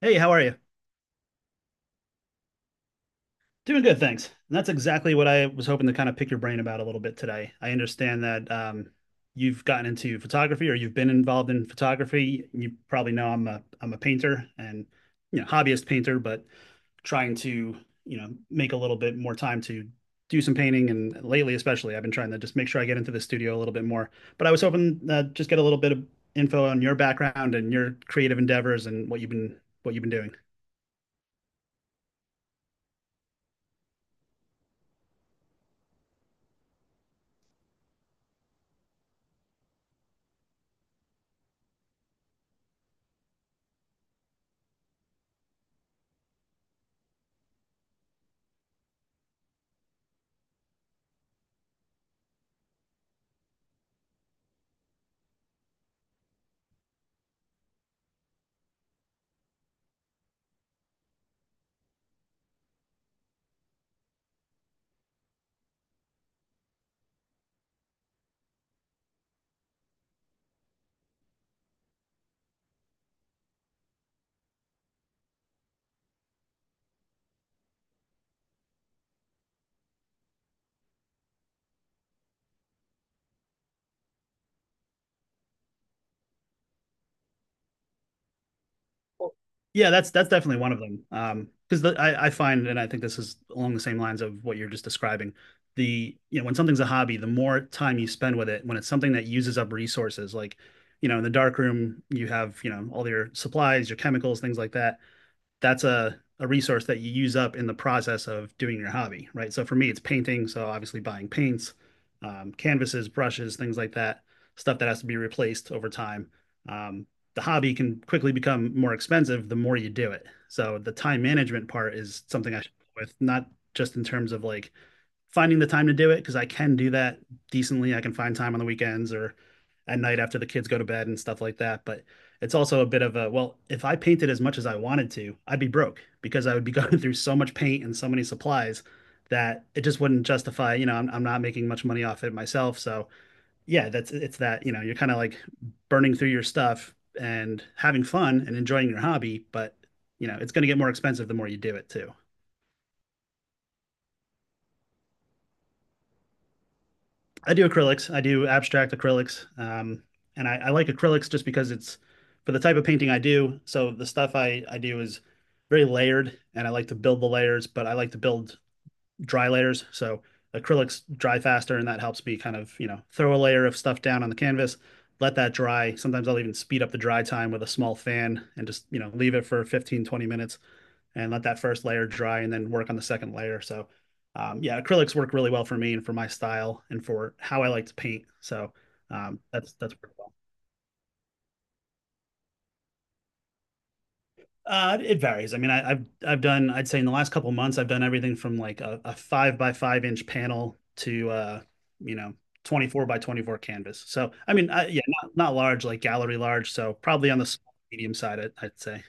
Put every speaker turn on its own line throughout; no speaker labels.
Hey, how are you? Doing good, thanks. And that's exactly what I was hoping to kind of pick your brain about a little bit today. I understand that you've gotten into photography or you've been involved in photography. You probably know I'm a painter and hobbyist painter, but trying to make a little bit more time to do some painting. And lately, especially, I've been trying to just make sure I get into the studio a little bit more. But I was hoping just get a little bit of info on your background and your creative endeavors and what you've been doing. Yeah, that's definitely one of them. Because I find, and I think this is along the same lines of what you're just describing. The, when something's a hobby, the more time you spend with it, when it's something that uses up resources, like, in the dark room you have, all your supplies, your chemicals, things like that, that's a resource that you use up in the process of doing your hobby, right? So for me, it's painting. So obviously buying paints, canvases, brushes, things like that, stuff that has to be replaced over time. Um, the hobby can quickly become more expensive the more you do it. So the time management part is something I should deal with, not just in terms of like finding the time to do it because I can do that decently. I can find time on the weekends or at night after the kids go to bed and stuff like that. But it's also a bit of a, well, if I painted as much as I wanted to, I'd be broke because I would be going through so much paint and so many supplies that it just wouldn't justify, I'm not making much money off it myself. So yeah, it's that, you're kind of like burning through your stuff and having fun and enjoying your hobby, but, it's going to get more expensive the more you do it too. I do acrylics. I do abstract acrylics. And I like acrylics just because it's for the type of painting I do. So the stuff I do is very layered and I like to build the layers, but I like to build dry layers. So acrylics dry faster and that helps me kind of, throw a layer of stuff down on the canvas, let that dry. Sometimes I'll even speed up the dry time with a small fan and just, leave it for 15 to 20 minutes and let that first layer dry and then work on the second layer. So yeah, acrylics work really well for me and for my style and for how I like to paint. So that's pretty well. It varies. I mean, I've done, I'd say, in the last couple of months I've done everything from like a 5 by 5 inch panel to you know 24 by 24 canvas. So I mean, yeah, not large like gallery large. So probably on the small, medium side, I'd say.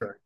For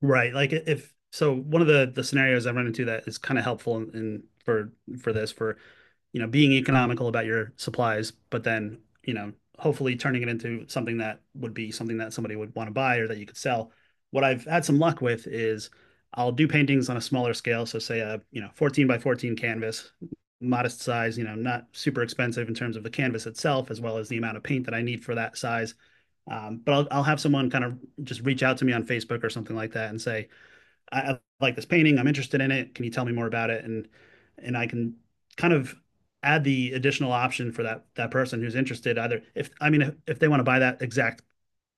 Right. Like, if, so, one of the scenarios I run into that is kind of helpful in, in for for this for, being economical about your supplies, but then, hopefully turning it into something that would be something that somebody would want to buy or that you could sell. What I've had some luck with is I'll do paintings on a smaller scale. So say a, 14 by 14 canvas, modest size, not super expensive in terms of the canvas itself, as well as the amount of paint that I need for that size. But I'll have someone kind of just reach out to me on Facebook or something like that and say, I like this painting. I'm interested in it. Can you tell me more about it? And I can kind of add the additional option for that person who's interested. Either if, I mean, if they want to buy that exact,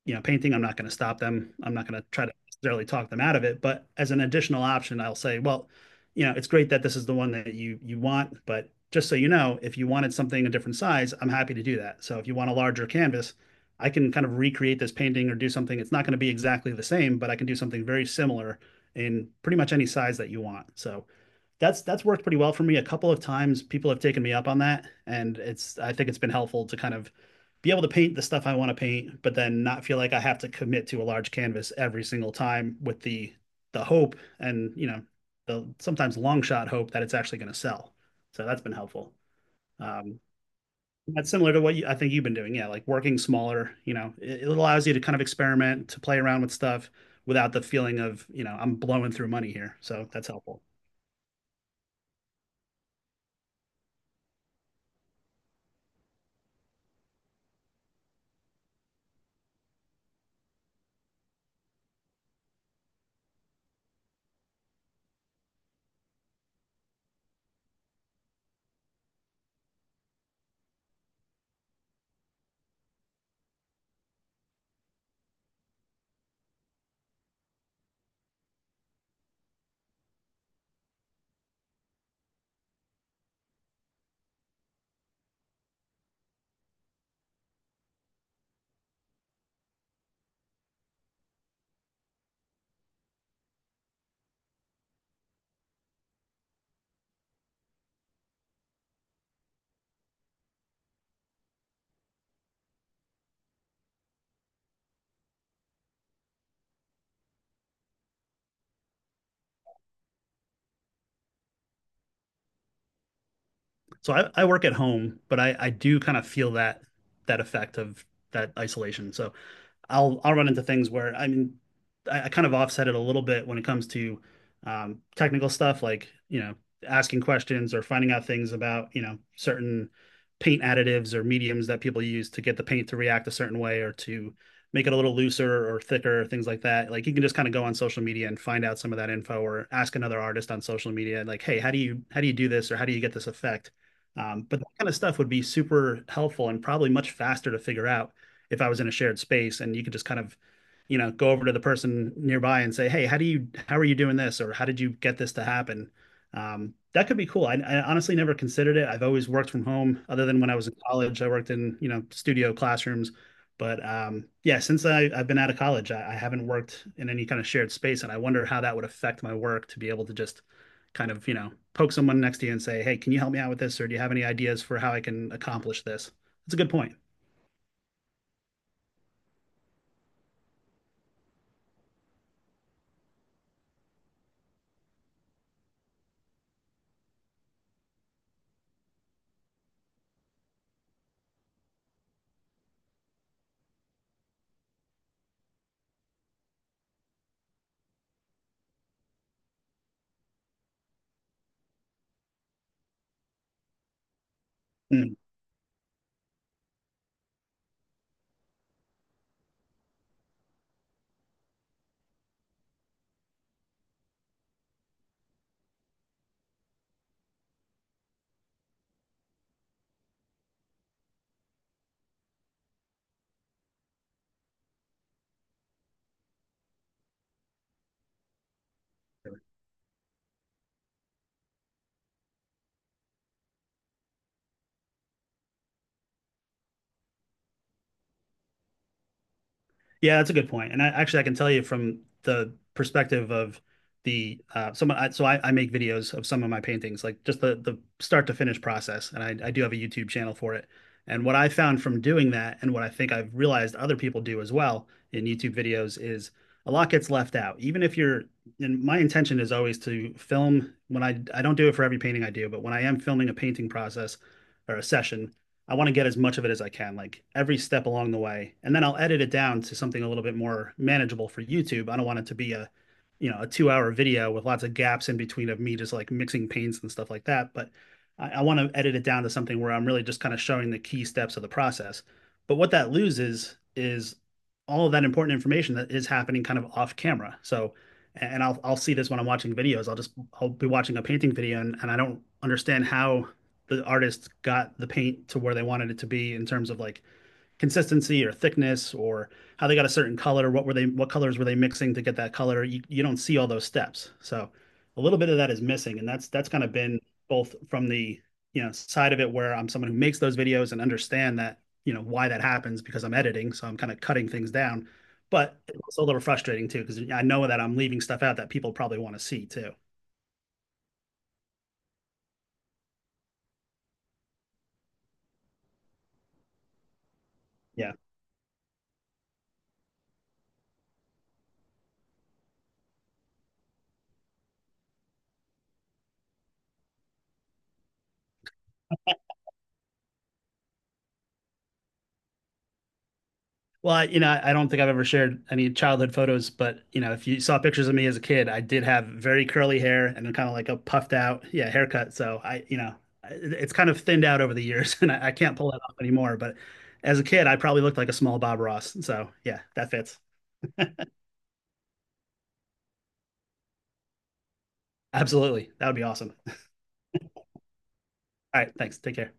painting, I'm not going to stop them. I'm not going to try to necessarily talk them out of it. But as an additional option, I'll say, well, it's great that this is the one that you want, but just so you know, if you wanted something a different size, I'm happy to do that. So if you want a larger canvas, I can kind of recreate this painting or do something. It's not going to be exactly the same, but I can do something very similar in pretty much any size that you want. So that's worked pretty well for me. A couple of times people have taken me up on that, and it's I think it's been helpful to kind of be able to paint the stuff I want to paint, but then not feel like I have to commit to a large canvas every single time with the hope and the sometimes long shot hope that it's actually going to sell. So that's been helpful. Um, that's similar to what you, I think you've been doing. Yeah, like working smaller. You know, it allows you to kind of experiment, to play around with stuff without the feeling of, I'm blowing through money here. So that's helpful. So I work at home, but I do kind of feel that that effect of that isolation. So I'll run into things where I mean I kind of offset it a little bit when it comes to technical stuff like, asking questions or finding out things about, certain paint additives or mediums that people use to get the paint to react a certain way or to make it a little looser or thicker, things like that. Like, you can just kind of go on social media and find out some of that info or ask another artist on social media like, hey, how do you, do this, or how do you get this effect? But that kind of stuff would be super helpful and probably much faster to figure out if I was in a shared space and you could just kind of, go over to the person nearby and say, "Hey, how do you, how are you doing this?" or "How did you get this to happen?" That could be cool. I honestly never considered it. I've always worked from home, other than when I was in college. I worked in, studio classrooms, but yeah, since I've been out of college, I haven't worked in any kind of shared space, and I wonder how that would affect my work to be able to just kind of, poke someone next to you and say, "Hey, can you help me out with this?" or "Do you have any ideas for how I can accomplish this?" That's a good point. Mm. Yeah, that's a good point. And I actually I can tell you from the perspective of so I make videos of some of my paintings, like just the start to finish process. And I do have a YouTube channel for it. And what I found from doing that and what I think I've realized other people do as well in YouTube videos is a lot gets left out. Even if you're and my intention is always to film when, I don't do it for every painting I do, but when I am filming a painting process or a session, I want to get as much of it as I can, like every step along the way. And then I'll edit it down to something a little bit more manageable for YouTube. I don't want it to be a 2-hour video with lots of gaps in between of me just like mixing paints and stuff like that. But I want to edit it down to something where I'm really just kind of showing the key steps of the process. But what that loses is all of that important information that is happening kind of off camera. So, and I'll see this when I'm watching videos. I'll be watching a painting video and, I don't understand how the artist got the paint to where they wanted it to be in terms of like consistency or thickness, or how they got a certain color. What colors were they mixing to get that color? You don't see all those steps. So a little bit of that is missing, and that's kind of been both from the, side of it where I'm someone who makes those videos and understand that, why that happens because I'm editing, so I'm kind of cutting things down. But it's a little frustrating too because I know that I'm leaving stuff out that people probably want to see too. Yeah. Well, I don't think I've ever shared any childhood photos, but, if you saw pictures of me as a kid, I did have very curly hair and kind of like a puffed out, yeah, haircut. So I, you know, it- it's kind of thinned out over the years, and I can't pull that off anymore. But as a kid, I probably looked like a small Bob Ross. So yeah, that fits. Absolutely. That would be awesome. All right, thanks. Take care.